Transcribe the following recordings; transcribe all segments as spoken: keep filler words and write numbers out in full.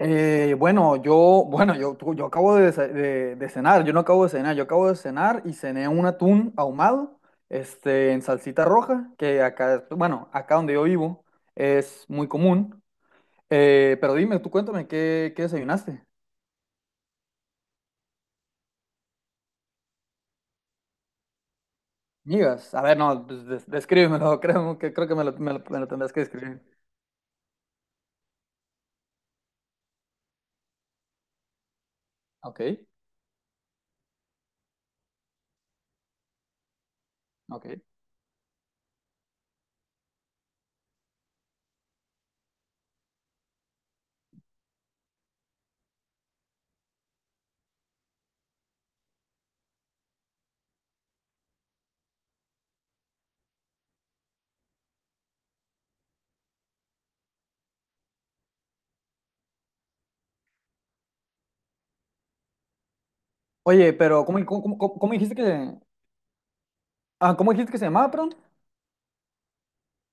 Eh, bueno, yo, bueno, yo, yo acabo de, ce- de- de cenar, yo no acabo de cenar, yo acabo de cenar y cené un atún ahumado, este, en salsita roja, que acá, bueno, acá donde yo vivo es muy común. Eh, pero dime, tú cuéntame, ¿qué, qué desayunaste? Migas, a ver, no, pues, des- descríbemelo. Creo que, creo que me lo, me lo- me lo tendrás que describir. Ok, ok. Oye, pero ¿cómo, cómo, cómo- cómo dijiste que, ah, cómo dijiste que se llamaba, perdón?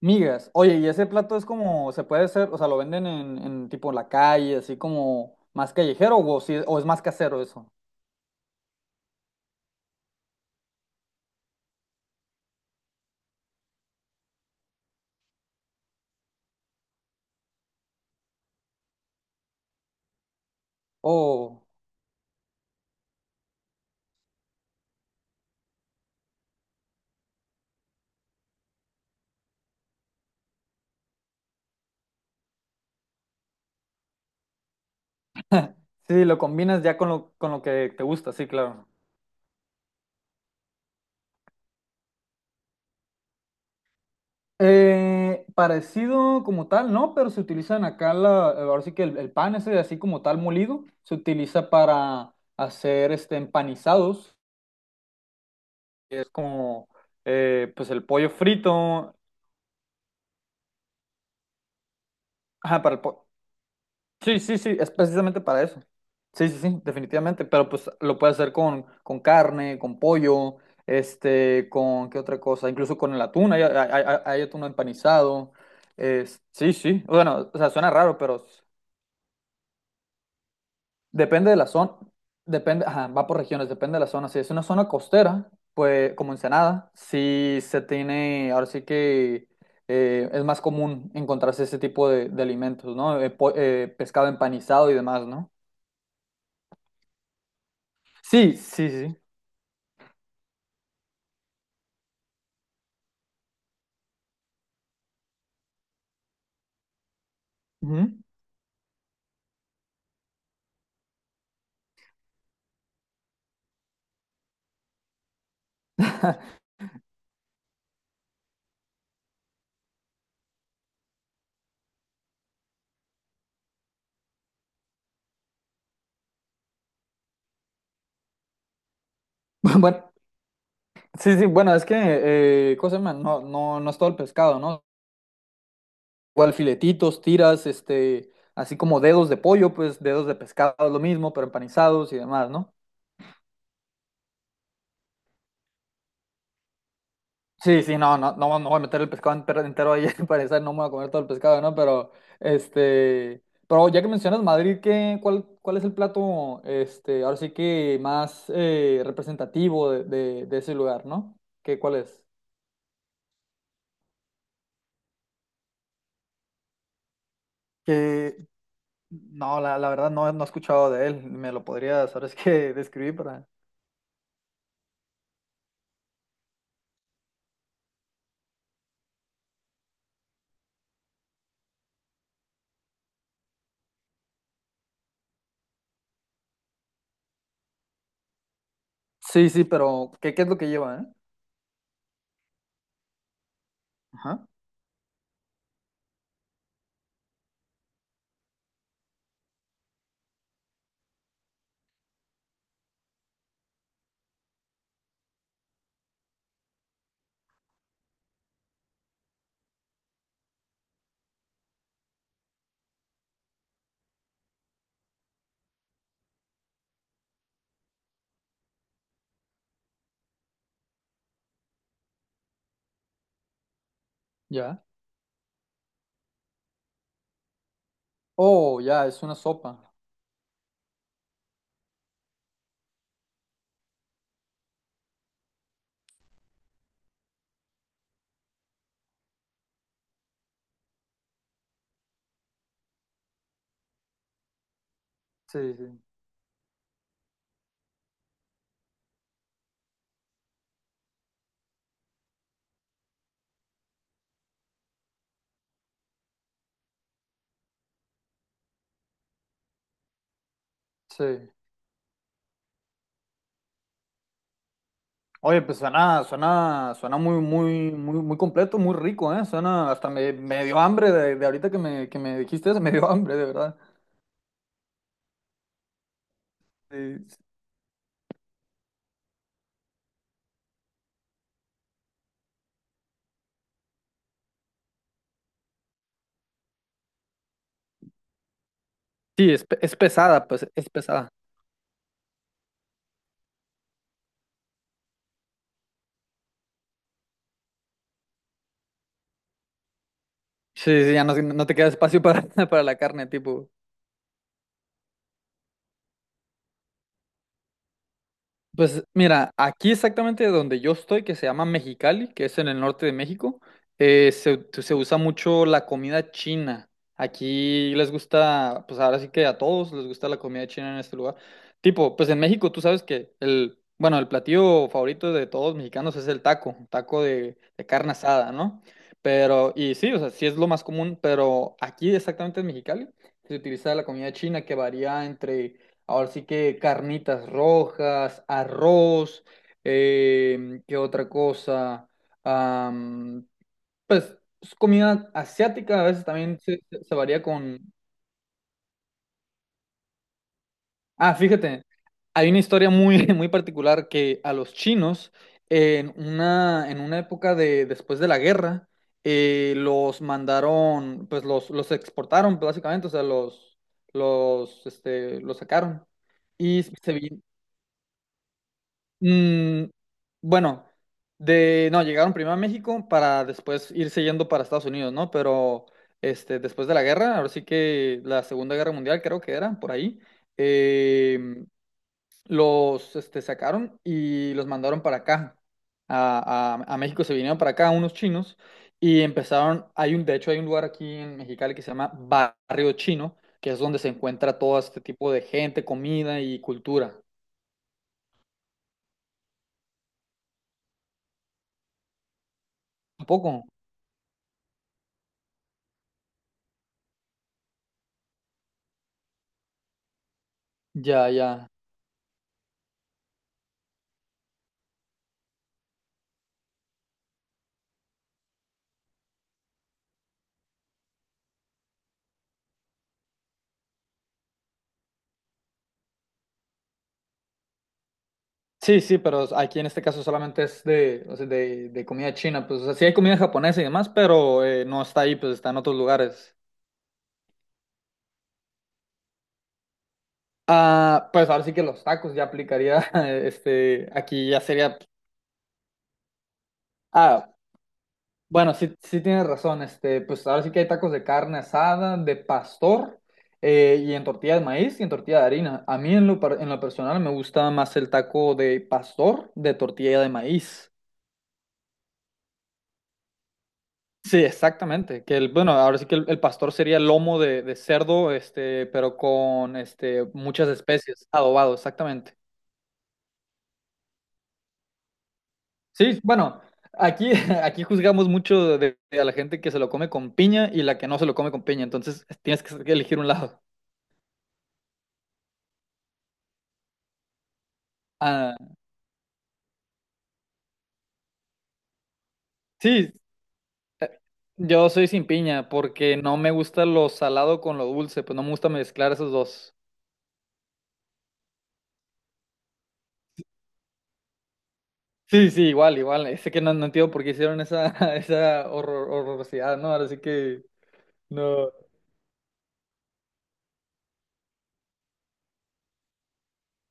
Migas. Oye, y ese plato es como, se puede hacer, o sea, lo venden en, en tipo en la calle, así como más callejero, o, si, o es más casero eso. O sí, lo combinas ya con lo, con lo que te gusta, sí, claro. Eh, parecido como tal, ¿no? Pero se utilizan acá, la, ahora sí que el, el pan ese así como tal molido, se utiliza para hacer este empanizados, que es como, eh, pues el pollo frito, ajá, para el pollo. Sí, sí, sí, es precisamente para eso. Sí, sí, sí, definitivamente, pero pues lo puedes hacer con, con carne, con pollo, este, con qué otra cosa, incluso con el atún, hay, hay, hay- hay atún empanizado. Es, sí, sí, bueno, o sea, suena raro, pero s- depende de la zona, depende, ajá, va por regiones, depende de la zona. Si es una zona costera, pues como Ensenada, sí se tiene, ahora sí que eh, es más común encontrarse ese tipo de, de alimentos, ¿no? Eh, po- eh, pescado empanizado y demás, ¿no? Sí, sí, sí. Ujú. Bueno, sí, sí, bueno, es que, eh, cosa, man, no, no, no es todo el pescado, ¿no? Igual filetitos, tiras, este, así como dedos de pollo, pues dedos de pescado es lo mismo, pero empanizados y demás, ¿no? Sí, sí, no, no, no, no voy a meter el pescado entero, entero ahí, para no me voy a comer todo el pescado, ¿no? Pero, este, pero ya que mencionas Madrid, ¿qué, cuál, cuál es el plato, este, ahora sí que más eh, representativo de, de, de ese lugar, ¿no? ¿Qué, cuál es? No, la, la verdad no, no he escuchado de él. ¿Me lo podrías, sabes qué, describir para...? Sí, sí, pero ¿qué, qué es lo que lleva, eh? Ajá, ya. Oh, ya, es una sopa. Sí, sí, sí. Oye, pues suena, suena, suena muy, muy, muy, muy completo, muy rico, ¿eh? Suena, hasta me, me dio hambre de, de ahorita que me, que me dijiste eso, me dio hambre, de verdad. Sí, sí, es, pe- es pesada, pues, es pesada. Sí, sí, ya no, no te queda espacio para, para la carne, tipo. Pues mira, aquí exactamente donde yo estoy, que se llama Mexicali, que es en el norte de México, eh, se, se usa mucho la comida china. Aquí les gusta, pues ahora sí que a todos les gusta la comida china en este lugar. Tipo, pues en México tú sabes que el, bueno, el platillo favorito de todos los mexicanos es el taco, taco de, de carne asada, ¿no? Pero, y sí, o sea, sí es lo más común, pero aquí exactamente en Mexicali se utiliza la comida china que varía entre... Ahora sí que carnitas rojas, arroz, eh, ¿qué otra cosa? Am, pues es comida asiática a veces también se, se- se varía con... Ah, fíjate, hay una historia muy, muy particular que a los chinos, en una, en una época de, después de la guerra, eh, los mandaron, pues los, los exportaron básicamente, o sea, los, los, este, los sacaron. Y se, Mm, bueno, de no, llegaron primero a México para después irse yendo para Estados Unidos, ¿no? Pero este, después de la guerra, ahora sí que la Segunda Guerra Mundial creo que era, por ahí, eh, los este, sacaron y los mandaron para acá. A, a- a México se vinieron para acá unos chinos y empezaron, hay un, de hecho hay un lugar aquí en Mexicali que se llama Barrio Chino, que es donde se encuentra todo este tipo de gente, comida y cultura. ¿A poco? Ya, ya. Sí, sí, pero aquí en este caso solamente es de, o sea, de, de comida china, pues, o sea, sí hay comida japonesa y demás, pero eh, no está ahí, pues está en otros lugares. Ah, pues ahora sí que los tacos ya aplicaría, eh, este, aquí ya sería, ah, bueno, sí, sí tienes razón, este, pues ahora sí que hay tacos de carne asada, de pastor, eh, y en tortilla de maíz y en tortilla de harina. A mí en lo, par- en lo personal me gusta más el taco de pastor, de tortilla de maíz. Sí, exactamente. Que el, bueno, ahora sí que el, el pastor sería lomo de, de cerdo, este, pero con este, muchas especies, adobado, exactamente. Sí, bueno, aquí, aquí juzgamos mucho de, de a la gente que se lo come con piña y la que no se lo come con piña, entonces tienes que elegir un lado. Ah, sí, yo soy sin piña porque no me gusta lo salado con lo dulce, pues no me gusta mezclar esos dos. Sí, sí, igual, igual. Sé que no, no entiendo por qué hicieron esa, esa horror- horrorosidad, ¿no? Ahora sí que no.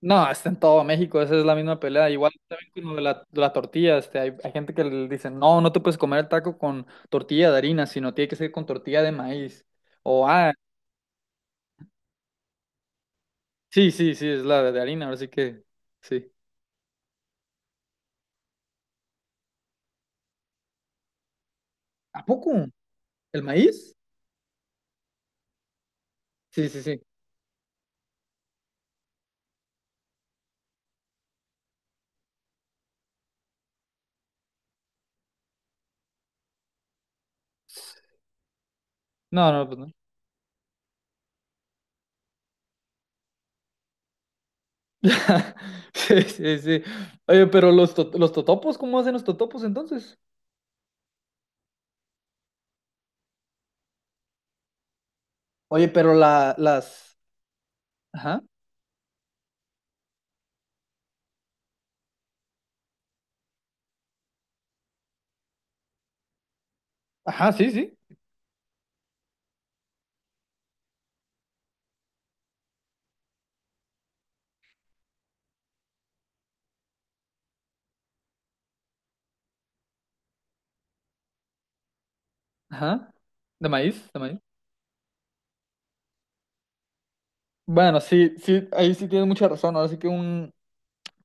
No, está en todo México, esa es la misma pelea. Igual también con lo de la, de la tortilla, este, hay, hay gente que le dice, no, no te puedes comer el taco con tortilla de harina, sino tiene que ser con tortilla de maíz. O, ah, sí, sí, sí, es la de, de harina, ahora sí que, sí. ¿A poco? ¿El maíz? Sí, sí, sí. No, no, pues no. Sí, sí, sí. Oye, pero los, to- los totopos, ¿cómo hacen los totopos entonces? Oye, pero la, las... Ajá, ajá, sí, sí. Ajá. De maíz, de maíz. Bueno, sí, sí, ahí sí tienes mucha razón. Ahora sí que un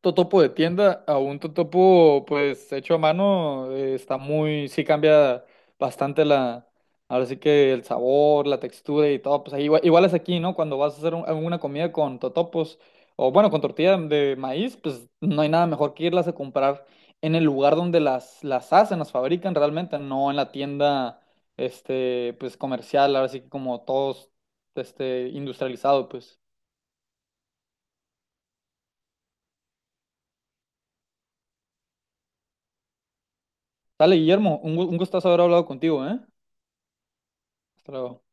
totopo de tienda a un totopo, pues, hecho a mano, eh, está muy, sí cambia bastante la, ahora sí que el sabor, la textura y todo. Pues ahí igual, igual es aquí, ¿no? Cuando vas a hacer un- alguna comida con totopos, o bueno, con tortilla de maíz, pues no hay nada mejor que irlas a comprar en el lugar donde las, las hacen, las fabrican realmente, no en la tienda, este, pues comercial, ahora sí que como todos, este, industrializado, pues. Dale, Guillermo, un, gu- un gustazo haber hablado contigo, ¿eh? Hasta luego.